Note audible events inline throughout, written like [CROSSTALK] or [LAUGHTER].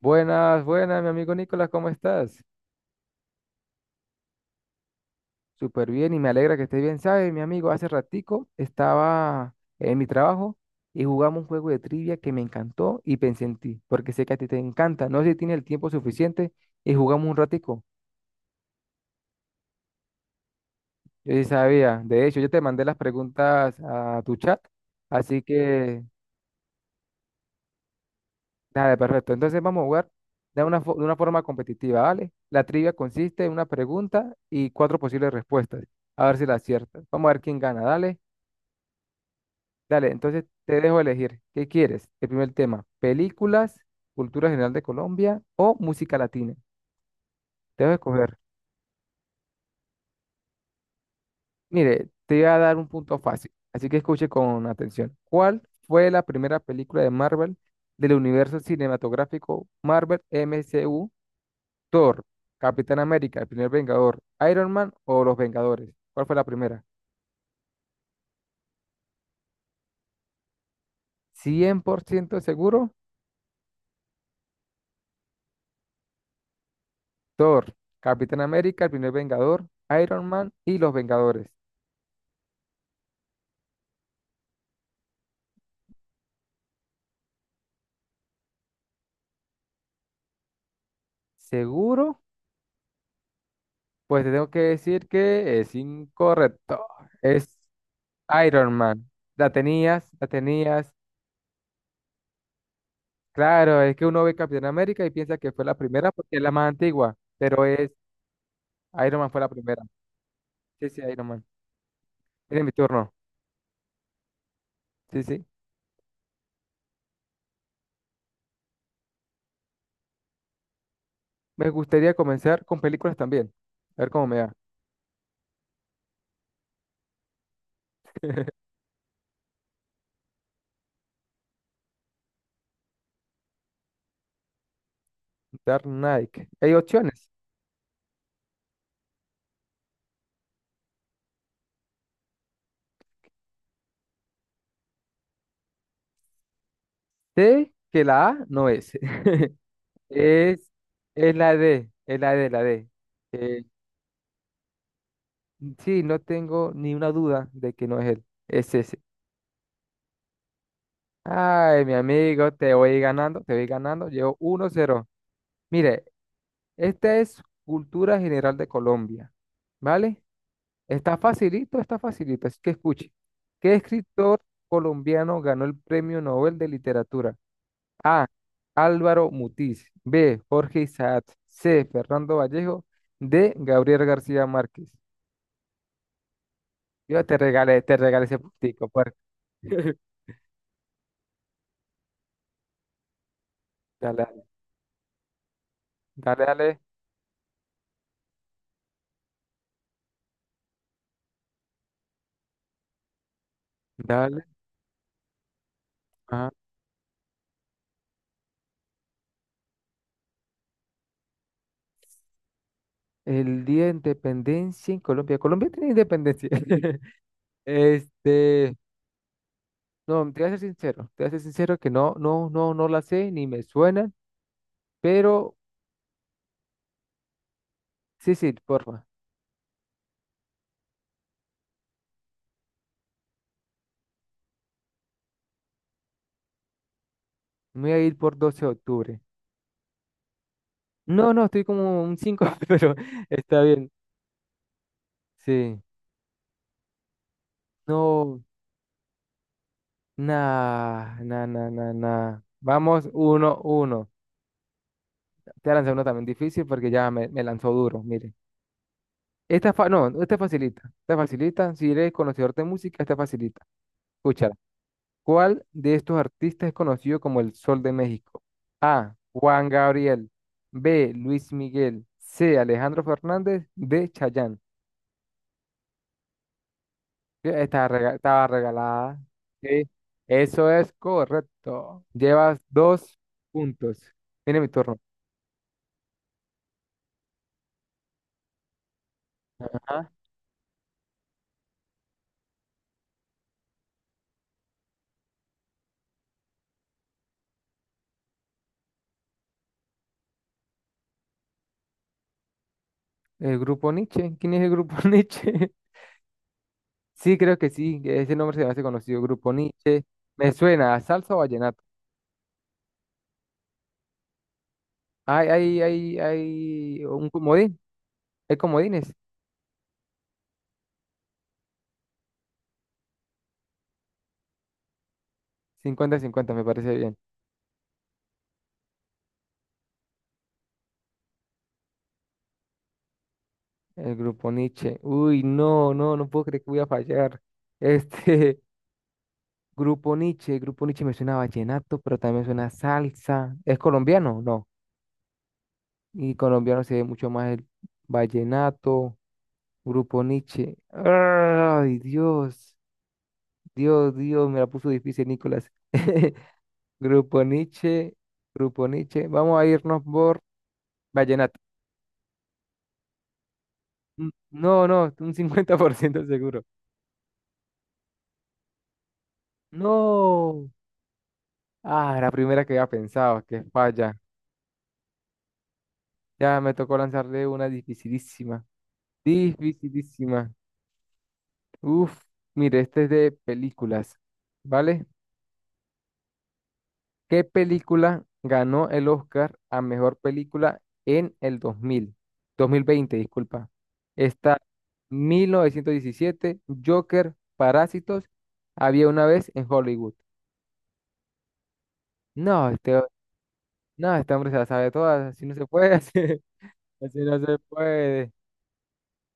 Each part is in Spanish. Buenas, buenas, mi amigo Nicolás, ¿cómo estás? Súper bien y me alegra que estés bien. ¿Sabes, mi amigo? Hace ratico estaba en mi trabajo y jugamos un juego de trivia que me encantó y pensé en ti, porque sé que a ti te encanta. No sé si tienes el tiempo suficiente y jugamos un ratico. Yo sí sabía. De hecho, yo te mandé las preguntas a tu chat, así que dale, perfecto. Entonces vamos a jugar de una, de una forma competitiva, ¿vale? La trivia consiste en una pregunta y cuatro posibles respuestas. A ver si la aciertas. Vamos a ver quién gana, dale. Dale, entonces te dejo elegir. ¿Qué quieres? El primer tema, películas, cultura general de Colombia o música latina. Te dejo escoger. Mire, te voy a dar un punto fácil, así que escuche con atención. ¿Cuál fue la primera película de Marvel del universo cinematográfico Marvel MCU? Thor, Capitán América, el primer Vengador, Iron Man o Los Vengadores. ¿Cuál fue la primera? 100% seguro. Thor, Capitán América, el primer Vengador, Iron Man y Los Vengadores. ¿Seguro? Pues te tengo que decir que es incorrecto. Es Iron Man. La tenías, la tenías. Claro, es que uno ve Capitán América y piensa que fue la primera porque es la más antigua, pero es Iron Man, fue la primera. Sí, sí, Iron Man. Tiene mi turno. Sí, sí. Me gustaría comenzar con películas también. A ver cómo me va. Dark Knight. Hay opciones. Sé que la A no es. [LAUGHS] Es, es la D, es la D. Eh, Sí, no tengo ni una duda de que no es él. Es ese. Ay, mi amigo, te voy ganando, te voy ganando. Llevo 1-0. Mire, esta es cultura general de Colombia, ¿vale? Está facilito, está facilito. Así que escuche. ¿Qué escritor colombiano ganó el Premio Nobel de Literatura? A. Álvaro Mutis. B. Jorge Isaac. C. Fernando Vallejo. D. Gabriel García Márquez. Yo te regalé ese puntico, por... [LAUGHS] Dale. Dale, dale, dale. Ajá. El Día de Independencia en Colombia. Colombia tiene independencia. [LAUGHS] Este, no, te voy a ser sincero, te voy a ser sincero que no, no, no, no la sé ni me suena, pero sí, sí, porfa. Me voy a ir por 12 de octubre. No, no, estoy como un 5 [LAUGHS] pero está bien. Sí. No, nah, nah, nah, nah, nah. Vamos, uno, uno. Te voy a lanzar uno también difícil porque ya me lanzó duro, mire. Esta, no, esta facilita, si eres conocedor de música, esta facilita. Escúchala. ¿Cuál de estos artistas es conocido como el Sol de México? A. Juan Gabriel. B. Luis Miguel. C. Alejandro Fernández. D. Chayanne. Estaba regalada. Sí, eso es correcto. Llevas dos puntos. Viene mi turno. Ajá. El grupo Nietzsche. ¿Quién es el grupo [LAUGHS] Nietzsche? Sí, creo que sí, ese nombre se me hace conocido, Grupo Nietzsche. Me suena a salsa o vallenato. Hay un comodín, hay comodines. Cincuenta, cincuenta, me parece bien. El Grupo Nietzsche. Uy, no, no, no puedo creer que voy a fallar. Este, [LAUGHS] Grupo Nietzsche, Grupo Nietzsche me suena a vallenato, pero también me suena a salsa. ¿Es colombiano? No. Y colombiano se ve mucho más el vallenato, Grupo Nietzsche. Ay, Dios, Dios, Dios, me la puso difícil, Nicolás. [LAUGHS] Grupo Nietzsche, Grupo Nietzsche. Vamos a irnos por vallenato. Mm, no, no, un 50% seguro. No. Ah, la primera que había pensado, que falla. Ya me tocó lanzarle una dificilísima. Dificilísima. Uf, mire, este es de películas, ¿vale? ¿Qué película ganó el Oscar a mejor película en el dos mil veinte? Disculpa. Está 1917, Joker, Parásitos, Había una vez en Hollywood. No, este, no, este hombre se la sabe todas, así no se puede, [LAUGHS] así, así no se puede.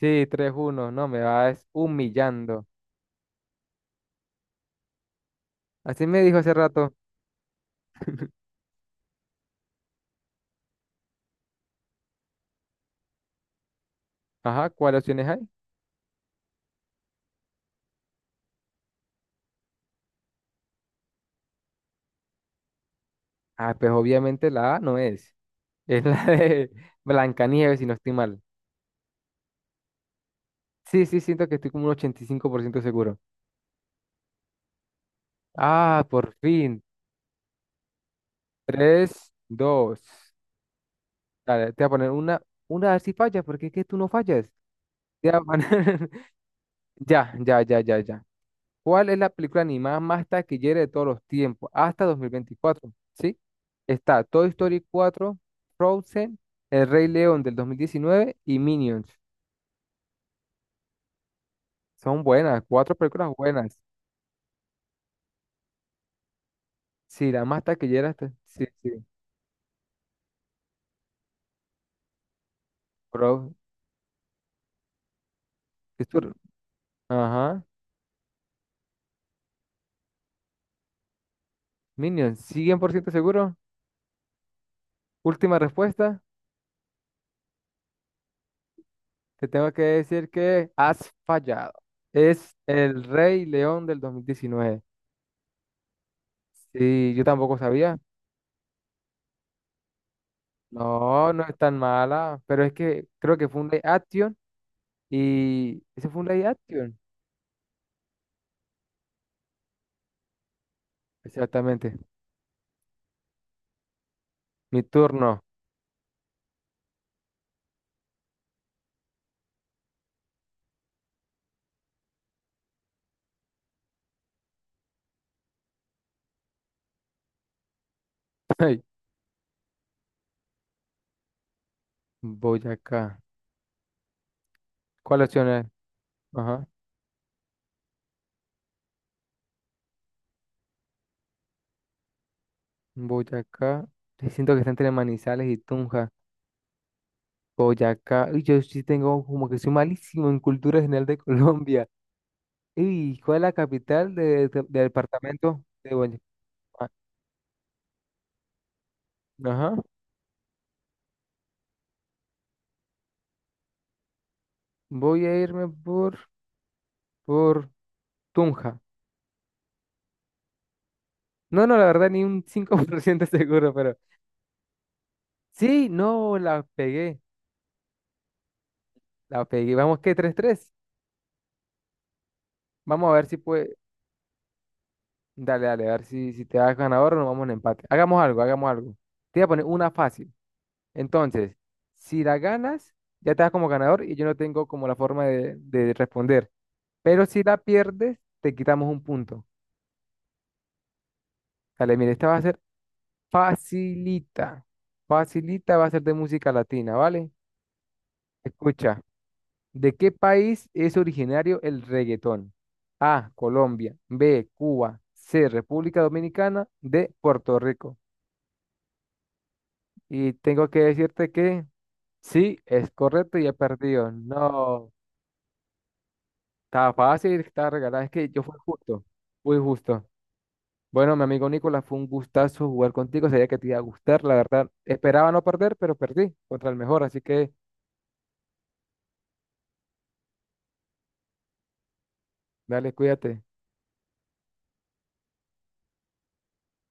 Sí, tres uno, no, me vas humillando. Así me dijo hace rato. Ajá, ¿cuáles opciones hay? Ah, pues obviamente la A no es. Es la de [LAUGHS] Blancanieves, si no estoy mal. Sí, sí, siento que estoy como un 85% seguro. Ah, por fin. Tres, dos. Dale, te voy a poner una a ver si falla, porque es que tú no fallas. Te voy a poner... [LAUGHS] Ya, ya, ya, ya, ya. ¿Cuál es la película animada más taquillera de todos los tiempos, hasta 2024? ¿Sí? Está Toy Story 4, Frozen, El Rey León del 2019 y Minions. Son buenas, cuatro películas buenas. Sí, la más taquillera. Está- sí, sí. Bro, es tu- ajá. Minion, sí, 100% seguro. Última respuesta. Te tengo que decir que has fallado. Es el Rey León del dos mil diecinueve. Sí, yo tampoco sabía. No, no es tan mala, pero es que creo que fue un live action y ese fue un live action. Exactamente. Mi turno. [LAUGHS] Ay, Boyacá. ¿Cuál opción es? Ajá. Boyacá. Sí, siento que está entre Manizales y Tunja. Boyacá. Uy, yo sí tengo como que soy malísimo en cultura general de [LAUGHS] Colombia. ¿Y cuál es la capital del departamento de Boyacá? Ajá. Voy a irme por, Tunja. No, no, la verdad, ni un cinco [LAUGHS] por ciento seguro, pero. Sí, no, la pegué. La pegué. Vamos, qué, tres tres. Vamos a ver si puede. Dale, dale, a ver si te das ganador o nos vamos en empate. Hagamos algo, hagamos algo. Te voy a poner una fácil. Entonces, si la ganas, ya te das como ganador y yo no tengo como la forma de responder. Pero si la pierdes, te quitamos un punto. Dale, mire, esta va a ser facilita. Facilita va a ser de música latina, ¿vale? Escucha. ¿De qué país es originario el reggaetón? A, Colombia. B, Cuba. C, República Dominicana. D, Puerto Rico. Y tengo que decirte que sí, es correcto y he perdido. No, estaba fácil, estaba regalada. Es que yo fui justo, fui justo. Bueno, mi amigo Nicolás, fue un gustazo jugar contigo. Sabía que te iba a gustar, la verdad. Esperaba no perder, pero perdí contra el mejor, así que dale, cuídate.